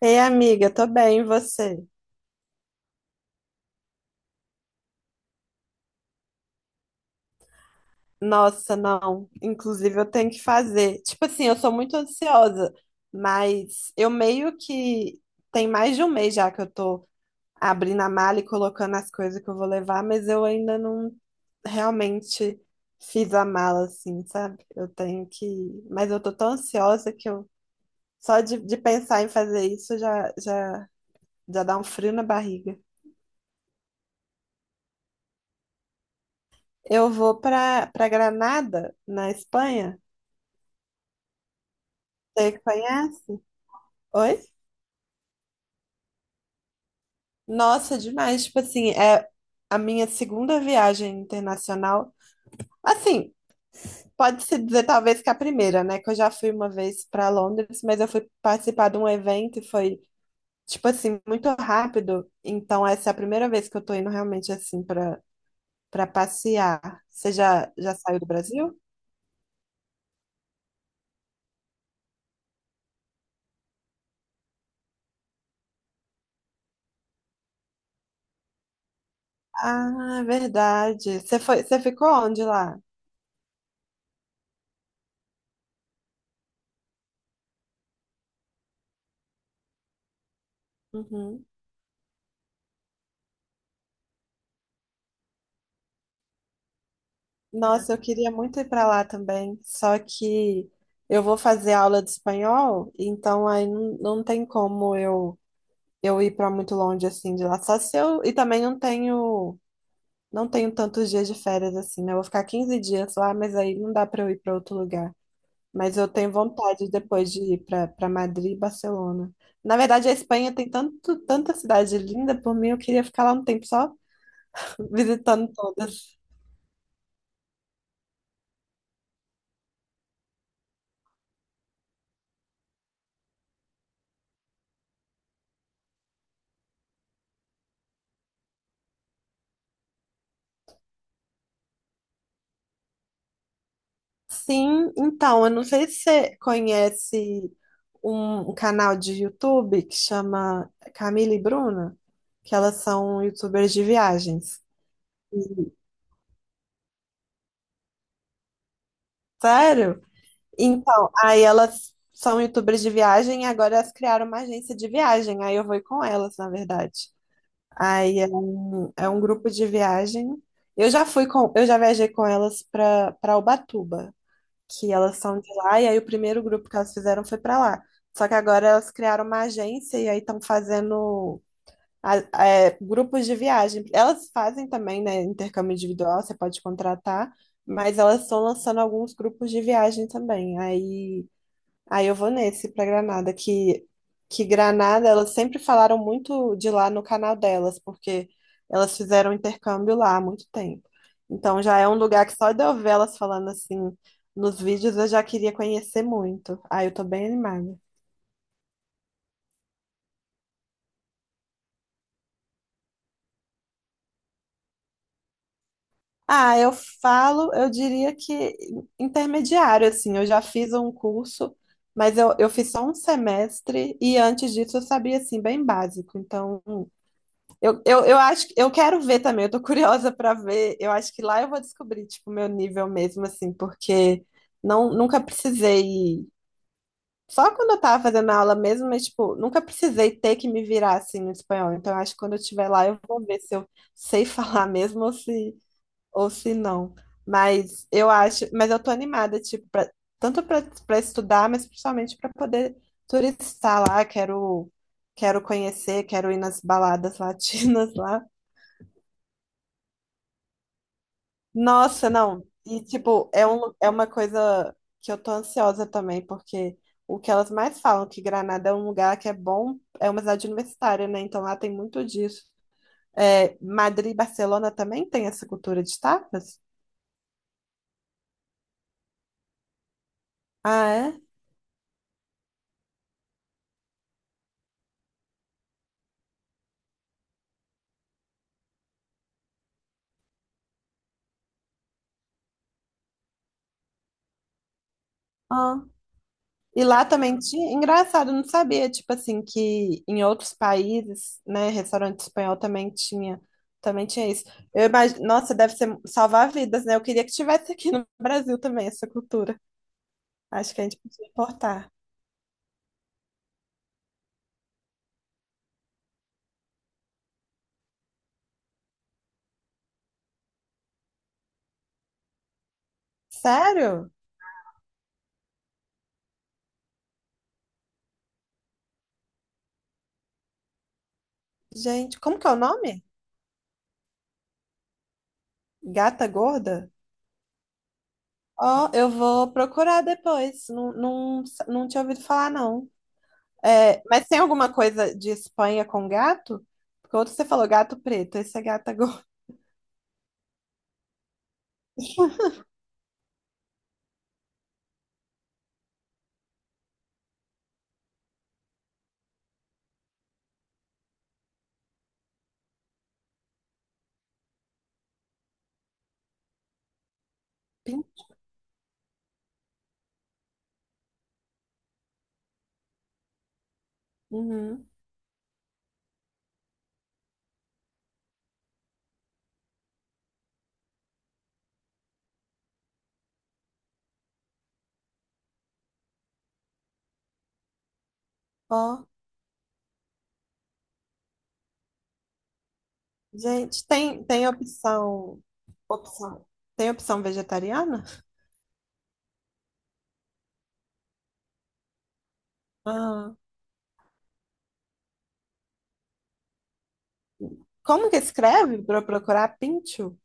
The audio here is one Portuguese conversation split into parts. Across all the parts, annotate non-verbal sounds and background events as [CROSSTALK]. Ei, amiga, tô bem, e você? Nossa, não. Inclusive, eu tenho que fazer. Tipo assim, eu sou muito ansiosa, mas eu meio que tem mais de um mês já que eu tô abrindo a mala e colocando as coisas que eu vou levar, mas eu ainda não realmente fiz a mala, assim, sabe? Eu tenho que. Mas eu tô tão ansiosa que eu só de pensar em fazer isso já dá um frio na barriga. Eu vou pra Granada, na Espanha. Você conhece? Oi? Nossa, demais. Tipo assim, é a minha segunda viagem internacional. Assim, pode-se dizer talvez que a primeira, né? Que eu já fui uma vez para Londres, mas eu fui participar de um evento e foi, tipo assim, muito rápido. Então, essa é a primeira vez que eu tô indo realmente assim para para passear. Você já saiu do Brasil? Ah, é verdade. Você foi, você ficou onde lá? Uhum. Nossa, eu queria muito ir para lá também, só que eu vou fazer aula de espanhol, então aí não tem como eu ir para muito longe assim de lá. Só se eu e também não tenho tantos dias de férias assim, né? Eu vou ficar 15 dias lá, mas aí não dá para eu ir para outro lugar. Mas eu tenho vontade depois de ir para Madrid e Barcelona. Na verdade, a Espanha tem tanto tanta cidade linda, por mim eu queria ficar lá um tempo só [LAUGHS] visitando todas. Sim, então, eu não sei se você conhece um canal de YouTube que chama Camila e Bruna, que elas são youtubers de viagens. E- Sério? Então, aí elas são youtubers de viagem e agora elas criaram uma agência de viagem. Aí eu vou ir com elas, na verdade. Aí é um grupo de viagem. Eu já fui com, eu já viajei com elas para Ubatuba. Que elas são de lá, e aí o primeiro grupo que elas fizeram foi pra lá. Só que agora elas criaram uma agência e aí estão fazendo a- grupos de viagem. Elas fazem também, né, intercâmbio individual, você pode contratar, mas elas estão lançando alguns grupos de viagem também. Aí eu vou nesse pra Granada, que, Granada, elas sempre falaram muito de lá no canal delas, porque elas fizeram intercâmbio lá há muito tempo. Então já é um lugar que só de eu ver elas falando assim nos vídeos eu já queria conhecer muito. Aí eu tô bem animada. Ah, eu falo, eu diria que intermediário, assim, eu já fiz um curso, mas eu fiz só um semestre e antes disso eu sabia, assim, bem básico. Então. Eu acho que eu quero ver também, eu tô [LAUGHS] curiosa pra ver. Eu acho que lá eu vou descobrir, tipo, o meu nível mesmo, assim, porque não, nunca precisei. Só quando eu tava fazendo aula mesmo, mas, tipo, nunca precisei ter que me virar assim no espanhol. Então, eu acho que quando eu estiver lá, eu vou ver se eu sei [LAUGHS] falar mesmo ou se não. Mas eu acho, mas eu tô animada, tipo, tanto pra estudar, mas principalmente pra poder turistar lá. Quero conhecer, quero ir nas baladas latinas [LAUGHS] lá. Nossa, não. E, tipo, é uma coisa que eu tô ansiosa também, porque o que elas mais falam, que Granada é um lugar que é bom, é uma cidade universitária, né? Então lá tem muito disso. É, Madrid e Barcelona também tem essa cultura de tapas? Ah, é? Ah. E lá também tinha. Engraçado, eu não sabia, tipo assim, que em outros países, né, restaurante espanhol também tinha. Também tinha isso. Eu imagino, nossa, deve ser salvar vidas, né? Eu queria que tivesse aqui no Brasil também essa cultura. Acho que a gente podia importar. Sério? Gente, como que é o nome? Gata Gorda? Ó, eu vou procurar depois. Não, não, não tinha ouvido falar, não. É, mas tem alguma coisa de Espanha com gato? Porque outro você falou gato preto, esse é gata gorda. [LAUGHS] Pin- Uhum. Ó, gente, tem, tem opção, opção. Tem opção vegetariana? Ah, como que escreve para procurar pincho?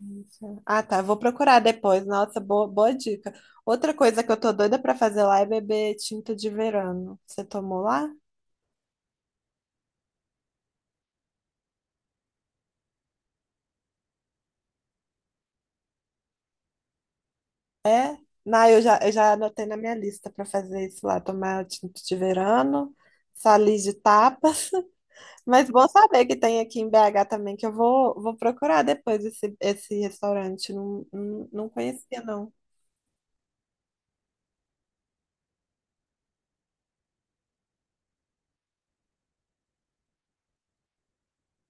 Isso. Ah, tá. Vou procurar depois. Nossa, boa, boa dica. Outra coisa que eu tô doida pra fazer lá é beber tinta de verano. Você tomou lá? É? Não, eu já anotei na minha lista pra fazer isso lá. Tomar tinta de verano, salis de tapas. [LAUGHS] Mas bom saber que tem aqui em BH também, que eu vou procurar depois esse restaurante. Não, não, não conhecia, não.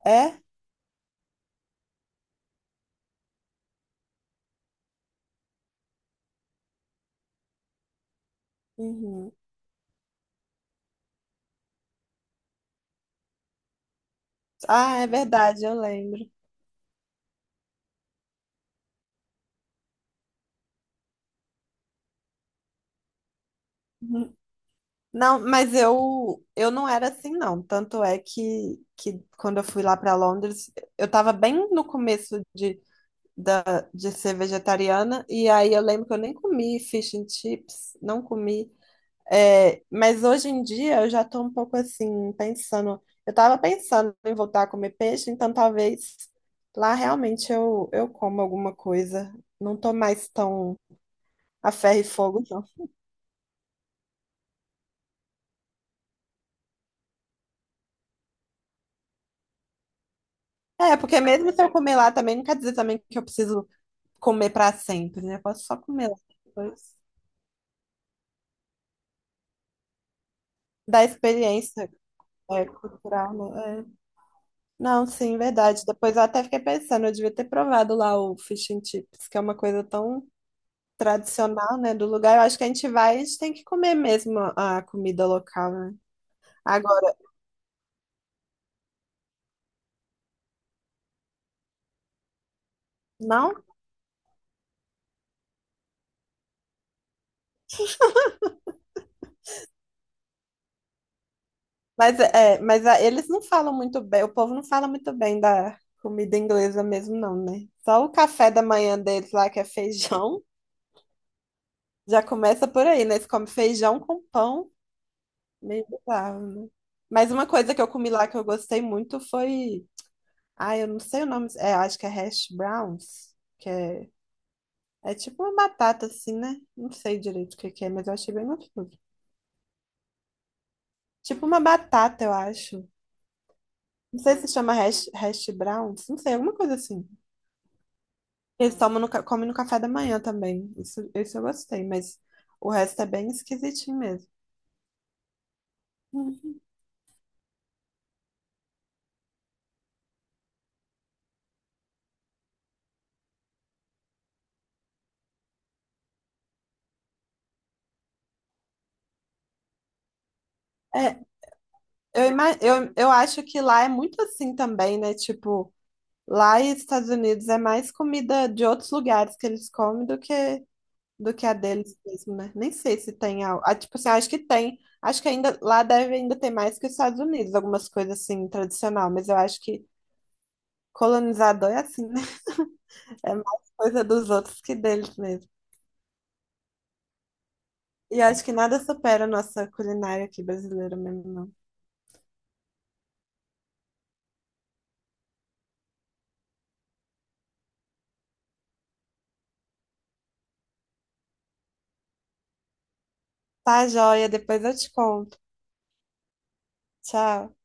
É? Uhum. Ah, é verdade, eu lembro. [LAUGHS] Não, mas eu não era assim não. Tanto é que quando eu fui lá para Londres, eu estava bem no começo de da, de ser vegetariana e aí eu lembro que eu nem comi fish and chips, não comi. É, mas hoje em dia eu já estou um pouco assim pensando. Eu estava pensando em voltar a comer peixe, então talvez lá realmente eu como alguma coisa. Não estou mais tão a ferro e fogo, não. É, porque mesmo se eu comer lá também, não quer dizer também que eu preciso comer para sempre, né? Eu posso só comer lá depois. Da experiência é, cultural, né? É. Não, sim, verdade. Depois eu até fiquei pensando, eu devia ter provado lá o fish and chips, que é uma coisa tão tradicional, né, do lugar. Eu acho que a gente vai, a gente tem que comer mesmo a comida local, né? Agora, não, mas é, é, mas eles não falam muito bem, o povo não fala muito bem da comida inglesa mesmo, não, né? Só o café da manhã deles lá, que é feijão, já começa por aí, né? Eles comem feijão com pão. Meio bizarro, né? Mas uma coisa que eu comi lá que eu gostei muito foi. Ah, eu não sei o nome. É, acho que é hash browns, que é, é tipo uma batata assim, né? Não sei direito o que que é, mas eu achei bem gostoso. Tipo uma batata, eu acho. Não sei se chama hash browns, não sei, alguma coisa assim. Eles tomam comem no café da manhã também. Isso eu gostei, mas o resto é bem esquisitinho mesmo. Hum. É, eu acho que lá é muito assim também, né? Tipo. Lá nos Estados Unidos é mais comida de outros lugares que eles comem do que, a deles mesmo, né? Nem sei se tem algo. Ah, tipo assim, acho que tem. Acho que ainda lá deve ainda ter mais que os Estados Unidos, algumas coisas assim, tradicional, mas eu acho que colonizador é assim, né? [LAUGHS] É mais coisa dos outros que deles mesmo. E eu acho que nada supera a nossa culinária aqui brasileira mesmo, não. Tá, joia, depois eu te conto. Tchau.